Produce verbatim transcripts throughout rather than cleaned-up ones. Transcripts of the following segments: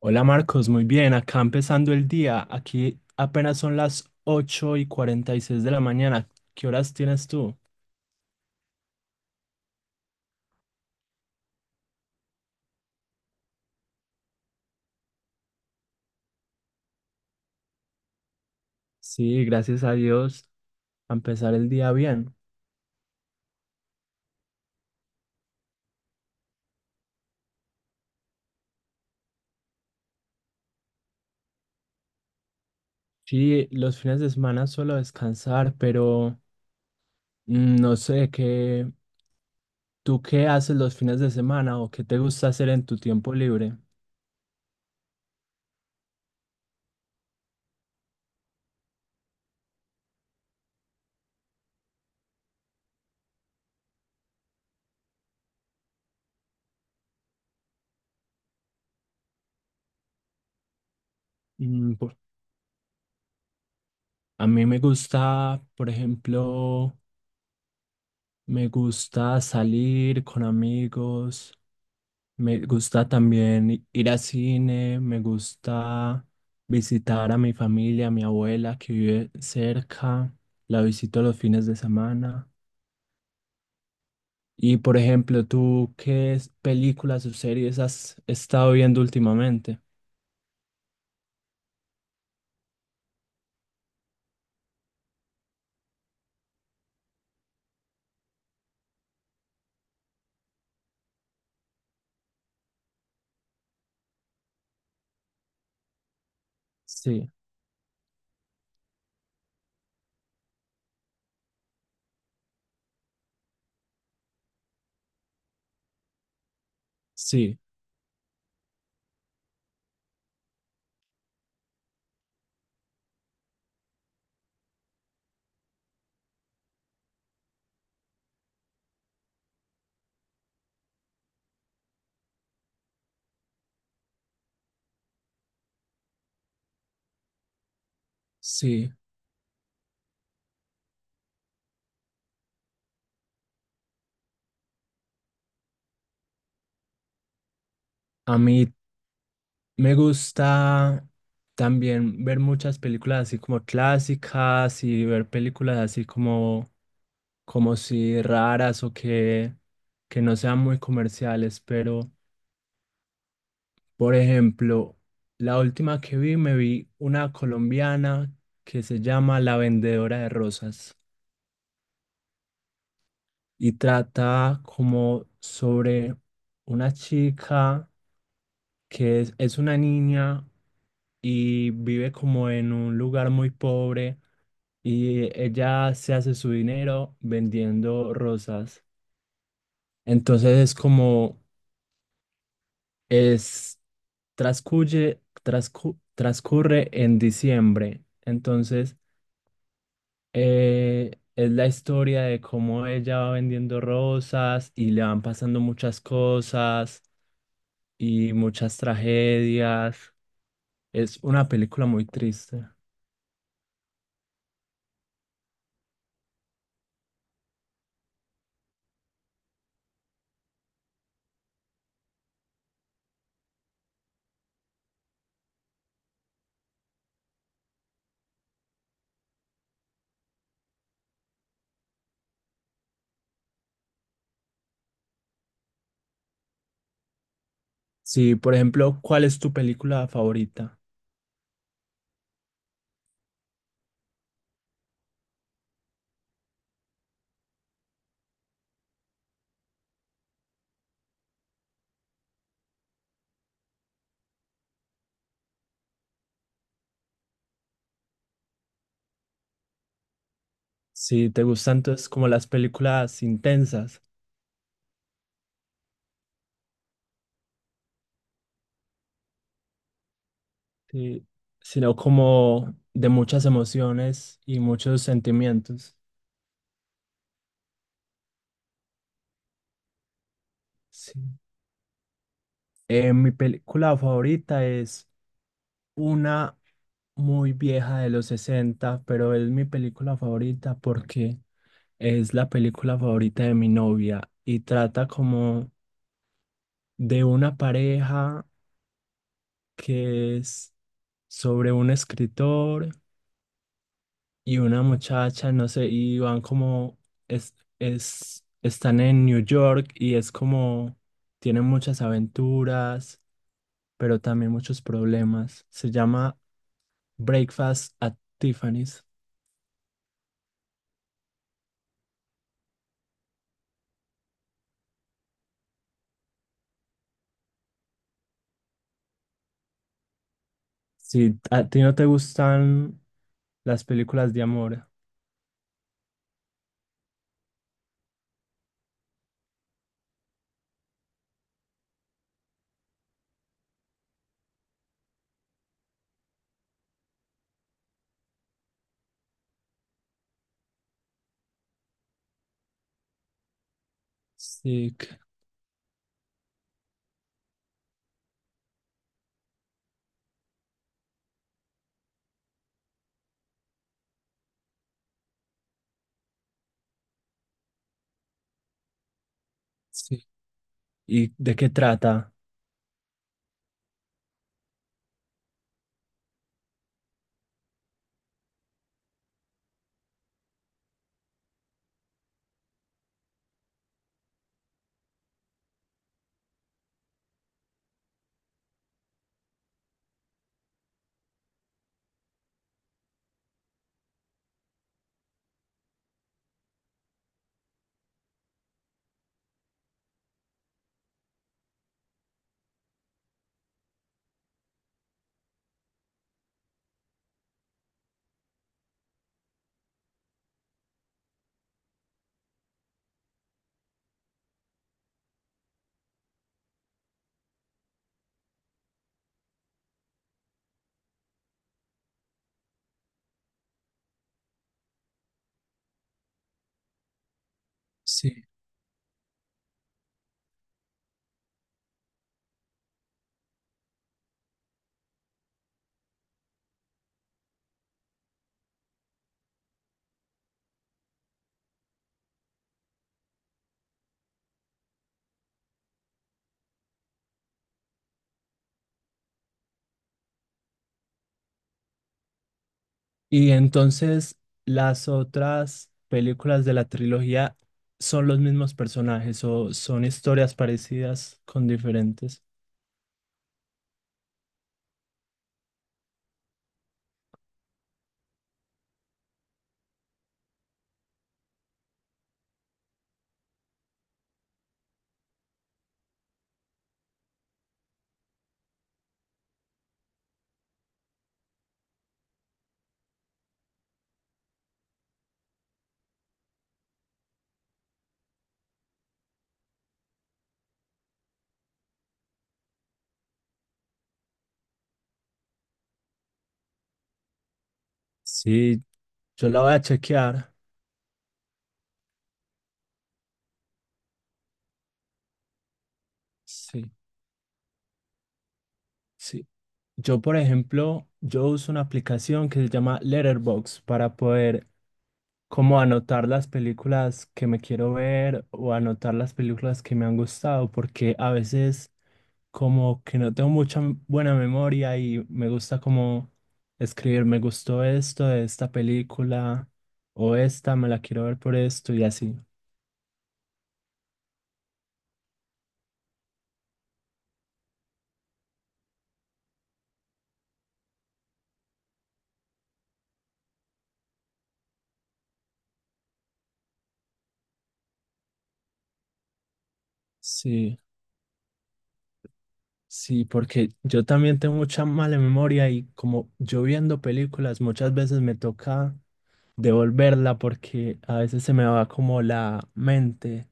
Hola Marcos, muy bien, acá empezando el día. Aquí apenas son las ocho y cuarenta y seis de la mañana. ¿Qué horas tienes tú? Sí, gracias a Dios, a empezar el día bien. Sí, los fines de semana suelo descansar, pero mm, no sé qué, ¿tú qué haces los fines de semana o qué te gusta hacer en tu tiempo libre? Mm, por- a mí me gusta, por ejemplo, me gusta salir con amigos. Me gusta también ir al cine, me gusta visitar a mi familia, a mi abuela que vive cerca, la visito los fines de semana. Y por ejemplo, ¿tú qué es- películas o series has estado viendo últimamente? Sí, sí, sí. A mí me gusta también ver muchas películas así como clásicas y ver películas así como como si raras o que, que no sean muy comerciales, pero por ejemplo, la última que vi, me vi una colombiana que se llama La Vendedora de Rosas y trata como sobre una chica que es, es una niña y vive como en un lugar muy pobre y ella se hace su dinero vendiendo rosas. Entonces es como Es, transcurre, transcu- transcurre en diciembre. Entonces, eh, es la historia de cómo ella va vendiendo rosas y le van pasando muchas cosas y muchas tragedias. Es una película muy triste. Sí, por ejemplo, ¿cuál es tu película favorita? Si te gustan entonces como las películas intensas, sí, sino como de muchas emociones y muchos sentimientos. Sí. Eh, mi película favorita es una muy vieja de los sesenta pero es mi película favorita porque es la película favorita de mi novia y trata como de una pareja que es sobre un escritor y una muchacha, no sé, y van como, es, es, están en New York y es como, tienen muchas aventuras, pero también muchos problemas. Se llama... Breakfast at Tiffany's. Si a ti no te gustan las películas de amor. Sí, que- sí. ¿Y de qué trata? Sí. Y entonces las otras películas de la trilogía son los mismos personajes o son historias parecidas con diferentes. Sí, yo la voy a chequear. Sí, sí. Yo, por ejemplo, yo uso una aplicación que se llama Letterboxd para poder como anotar las películas que me quiero ver o anotar las películas que me han gustado, porque a veces como que no tengo mucha m- buena memoria y me gusta como escribir, me gustó esto de esta película o esta, me la quiero ver por esto y así. Sí, sí, porque yo también tengo mucha mala memoria y como yo viendo películas muchas veces me toca devolverla porque a veces se me va como la mente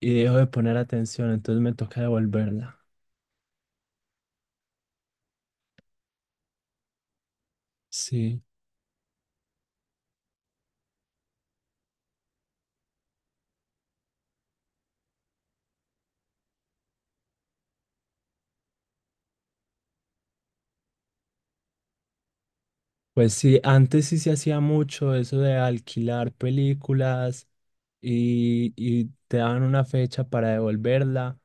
y dejo de poner atención, entonces me toca devolverla. Sí, pues sí, antes sí se hacía mucho eso de alquilar películas y, y te daban una fecha para devolverla,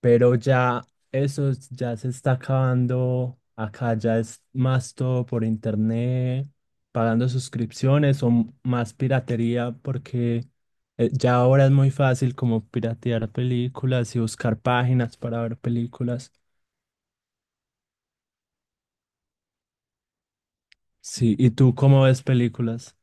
pero ya eso es- ya se está acabando. Acá ya es más todo por internet, pagando suscripciones o m- más piratería, porque eh, ya ahora es muy fácil como piratear películas y buscar páginas para ver películas. Sí, ¿y tú cómo ves películas?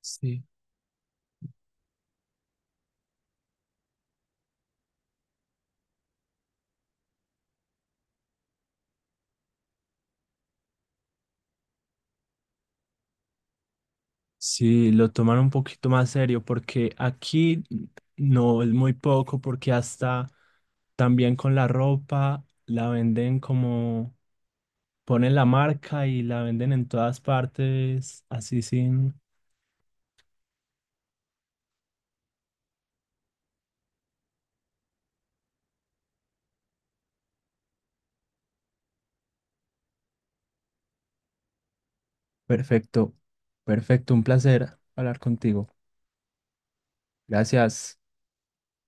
Sí. Sí, lo toman un poquito más serio porque aquí no es muy poco porque hasta también con la ropa la venden como ponen la marca y la venden en todas partes, así sin... Perfecto, perfecto, un placer hablar contigo. Gracias.